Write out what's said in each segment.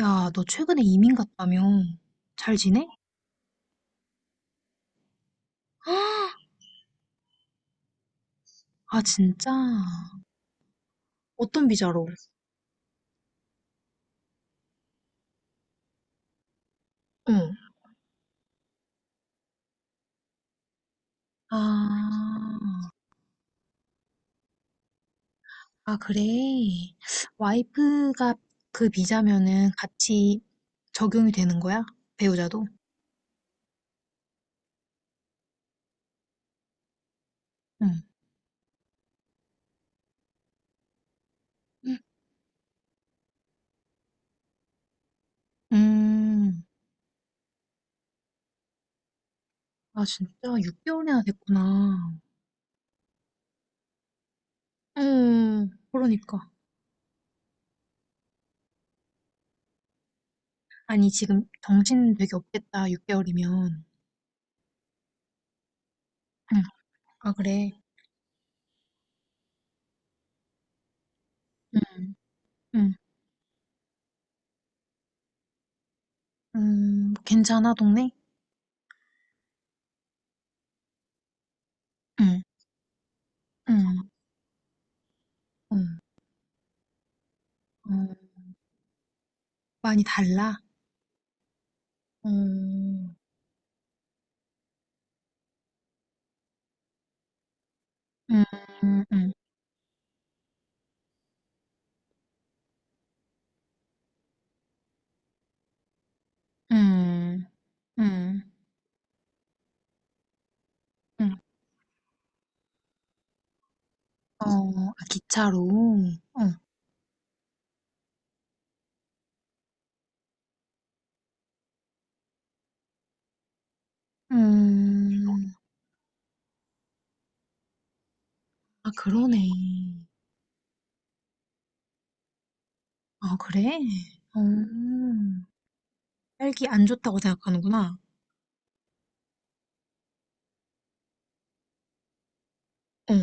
야, 너 최근에 이민 갔다며? 잘 지내? 아, 진짜? 어떤 비자로? 응. 아, 아, 그래. 와이프가 그 비자면은 같이 적용이 되는 거야? 배우자도? 응. 음, 아, 진짜? 6개월이나 됐구나. 응, 그러니까. 아니, 지금 정신 되게 없겠다, 6개월이면. 응. 아, 그래. 응, 응. 괜찮아, 동네? 응. 응. 음. 어. 많이 달라? 응 음. 음. 음. 음. 음. 어. 아, 기차로? 어. 음. 아, 그러네. 아, 그래? 어. 딸기 안 좋다고 생각하는구나. 어.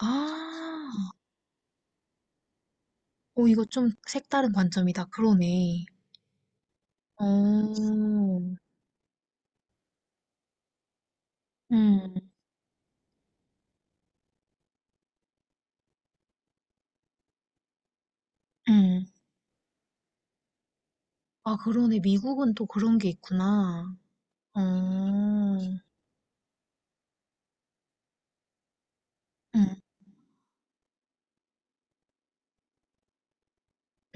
아. 오, 이거 좀 색다른 관점이다. 그러네. 어. 음. 음. 아, 그러네. 미국은 또 그런 게 있구나. 어. 음.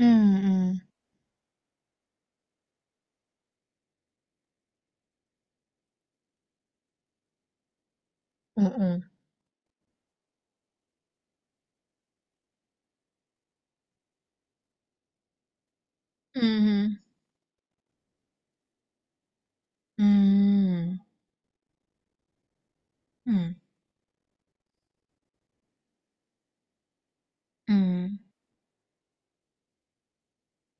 음음. 응응. 음. 음. 음. 음.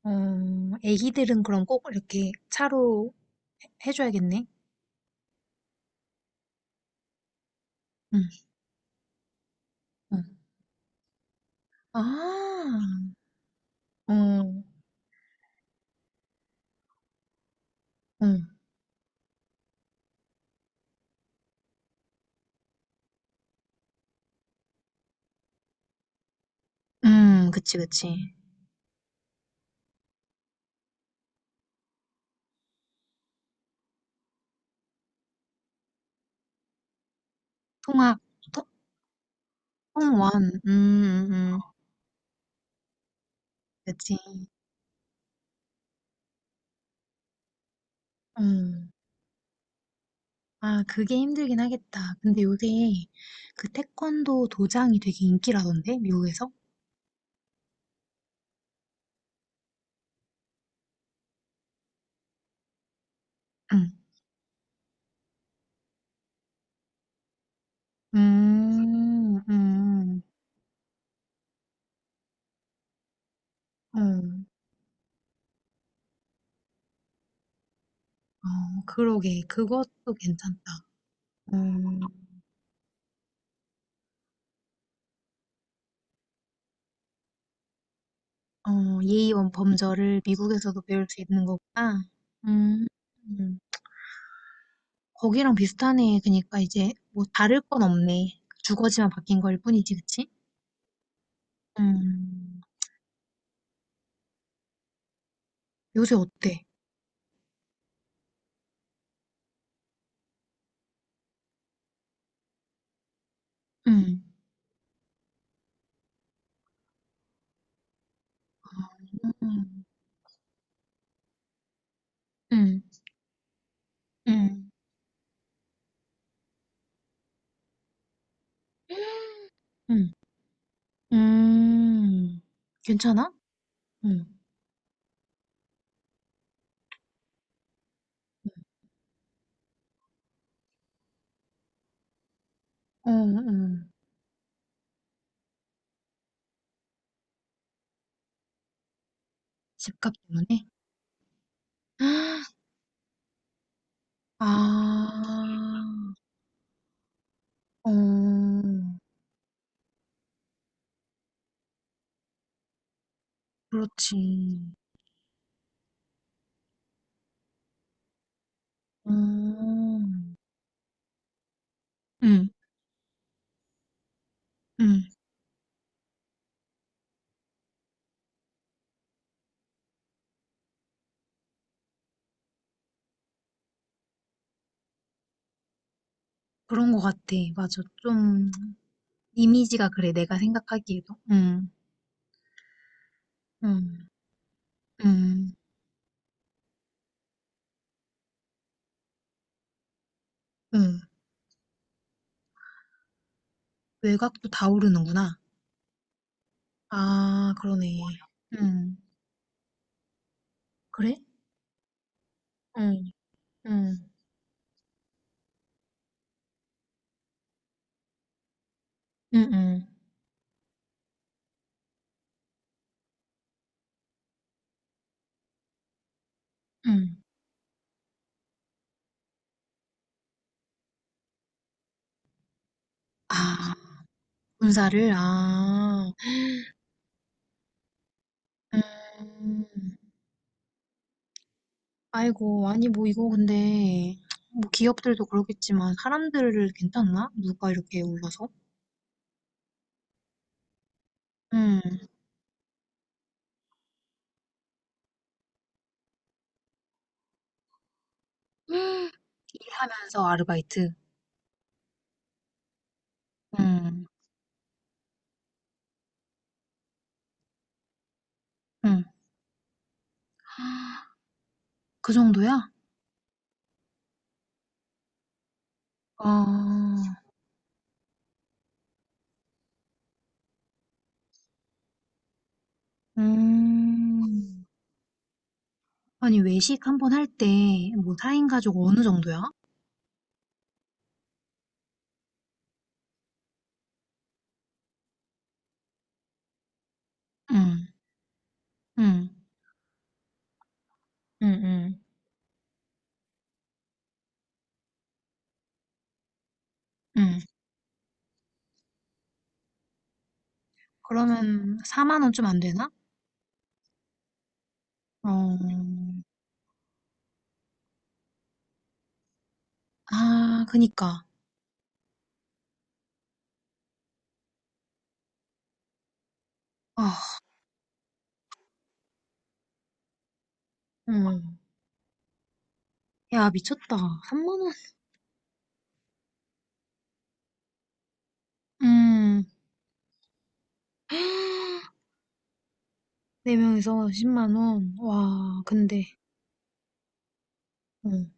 어, 애기들은 그럼 꼭 이렇게 차로 해줘야겠네. 응. 응. 아. 어. 응. 음. 그치, 그치. 통학. 통- 통원. 음. 음. 음. 그치. 음. 아, 그게 힘들긴 하겠다. 근데 요새 그 태권도 도장이 되게 인기라던데, 미국에서? 응. 음, 음, 음. 응. 어, 그러게. 그것도 괜찮다. 어, 어, 예의원 범절을 미국에서도 배울 수 있는 거구나. 음, 음. 거기랑 비슷하네. 그러니까 이제 뭐 다를 건 없네. 주거지만 바뀐 거일 뿐이지, 그치? 음, 요새 어때? 음, 음, 음, 음, 음, 음. 괜찮아? 응, 어, 응. 집값 때문에? 아, 어. 그렇지. 음. 응, 응. 그런 것 같아. 맞아. 좀, 이미지가 그래. 내가 생각하기에도. 응, 응, 응, 응. 외곽도 다 오르는구나. 아, 그러네. 응. 그래? 응, 응, 응, 응, 응. 아, 군사를? 아. 음, 아이고, 아니, 뭐, 이거 근데, 뭐, 기업들도 그러겠지만, 사람들을 괜찮나? 누가 이렇게 올라서? 음. 하면서 아르바이트. 음, 음. 그 정도야? 아, 음. 아니, 외식 한 번 할 때, 뭐, 4인 가족 어느 정도야? 음, 음, 음, 음, 음. 그러면 4만 원 좀 안 되나? 어, 아, 그니까. 아, 음. 야, 미쳤다. 3만 원? 음. 4명에서 10만 원. 와, 근데, 음.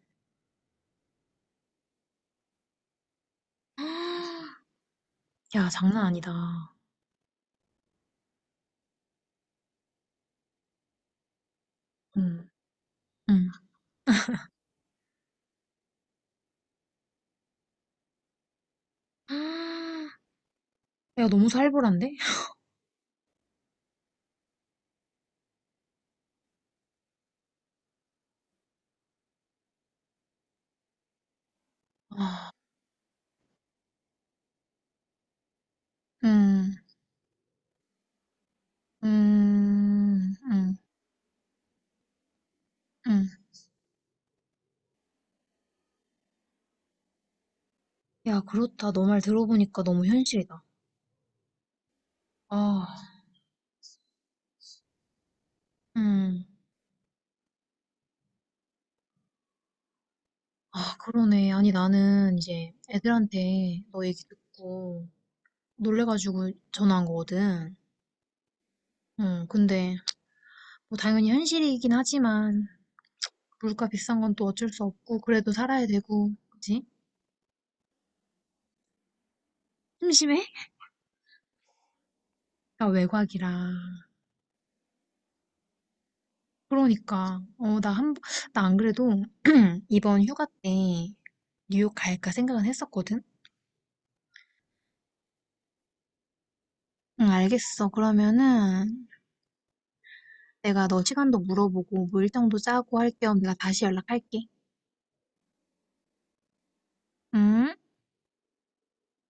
야, 장난 아니다. 음, 음. 아, 야, 너무 살벌한데? 아, 음, 음, 음, 음. 야, 그렇다. 너 말 들어보니까 너무 현실이다. 아, 음. 아, 그러네. 아니, 나는 이제 애들한테 너 얘기 듣고 놀래가지고 전화한 거거든. 응, 근데 뭐 당연히 현실이긴 하지만 물가 비싼 건 또 어쩔 수 없고 그래도 살아야 되고, 그치? 심심해? 나 외곽이라. 그러니까 어, 나 한, 나 안 그래도 이번 휴가 때 뉴욕 갈까 생각은 했었거든? 응, 알겠어. 그러면은 내가 너 시간도 물어보고 뭐 일정도 짜고 할 겸 내가 다시 연락할게. 응?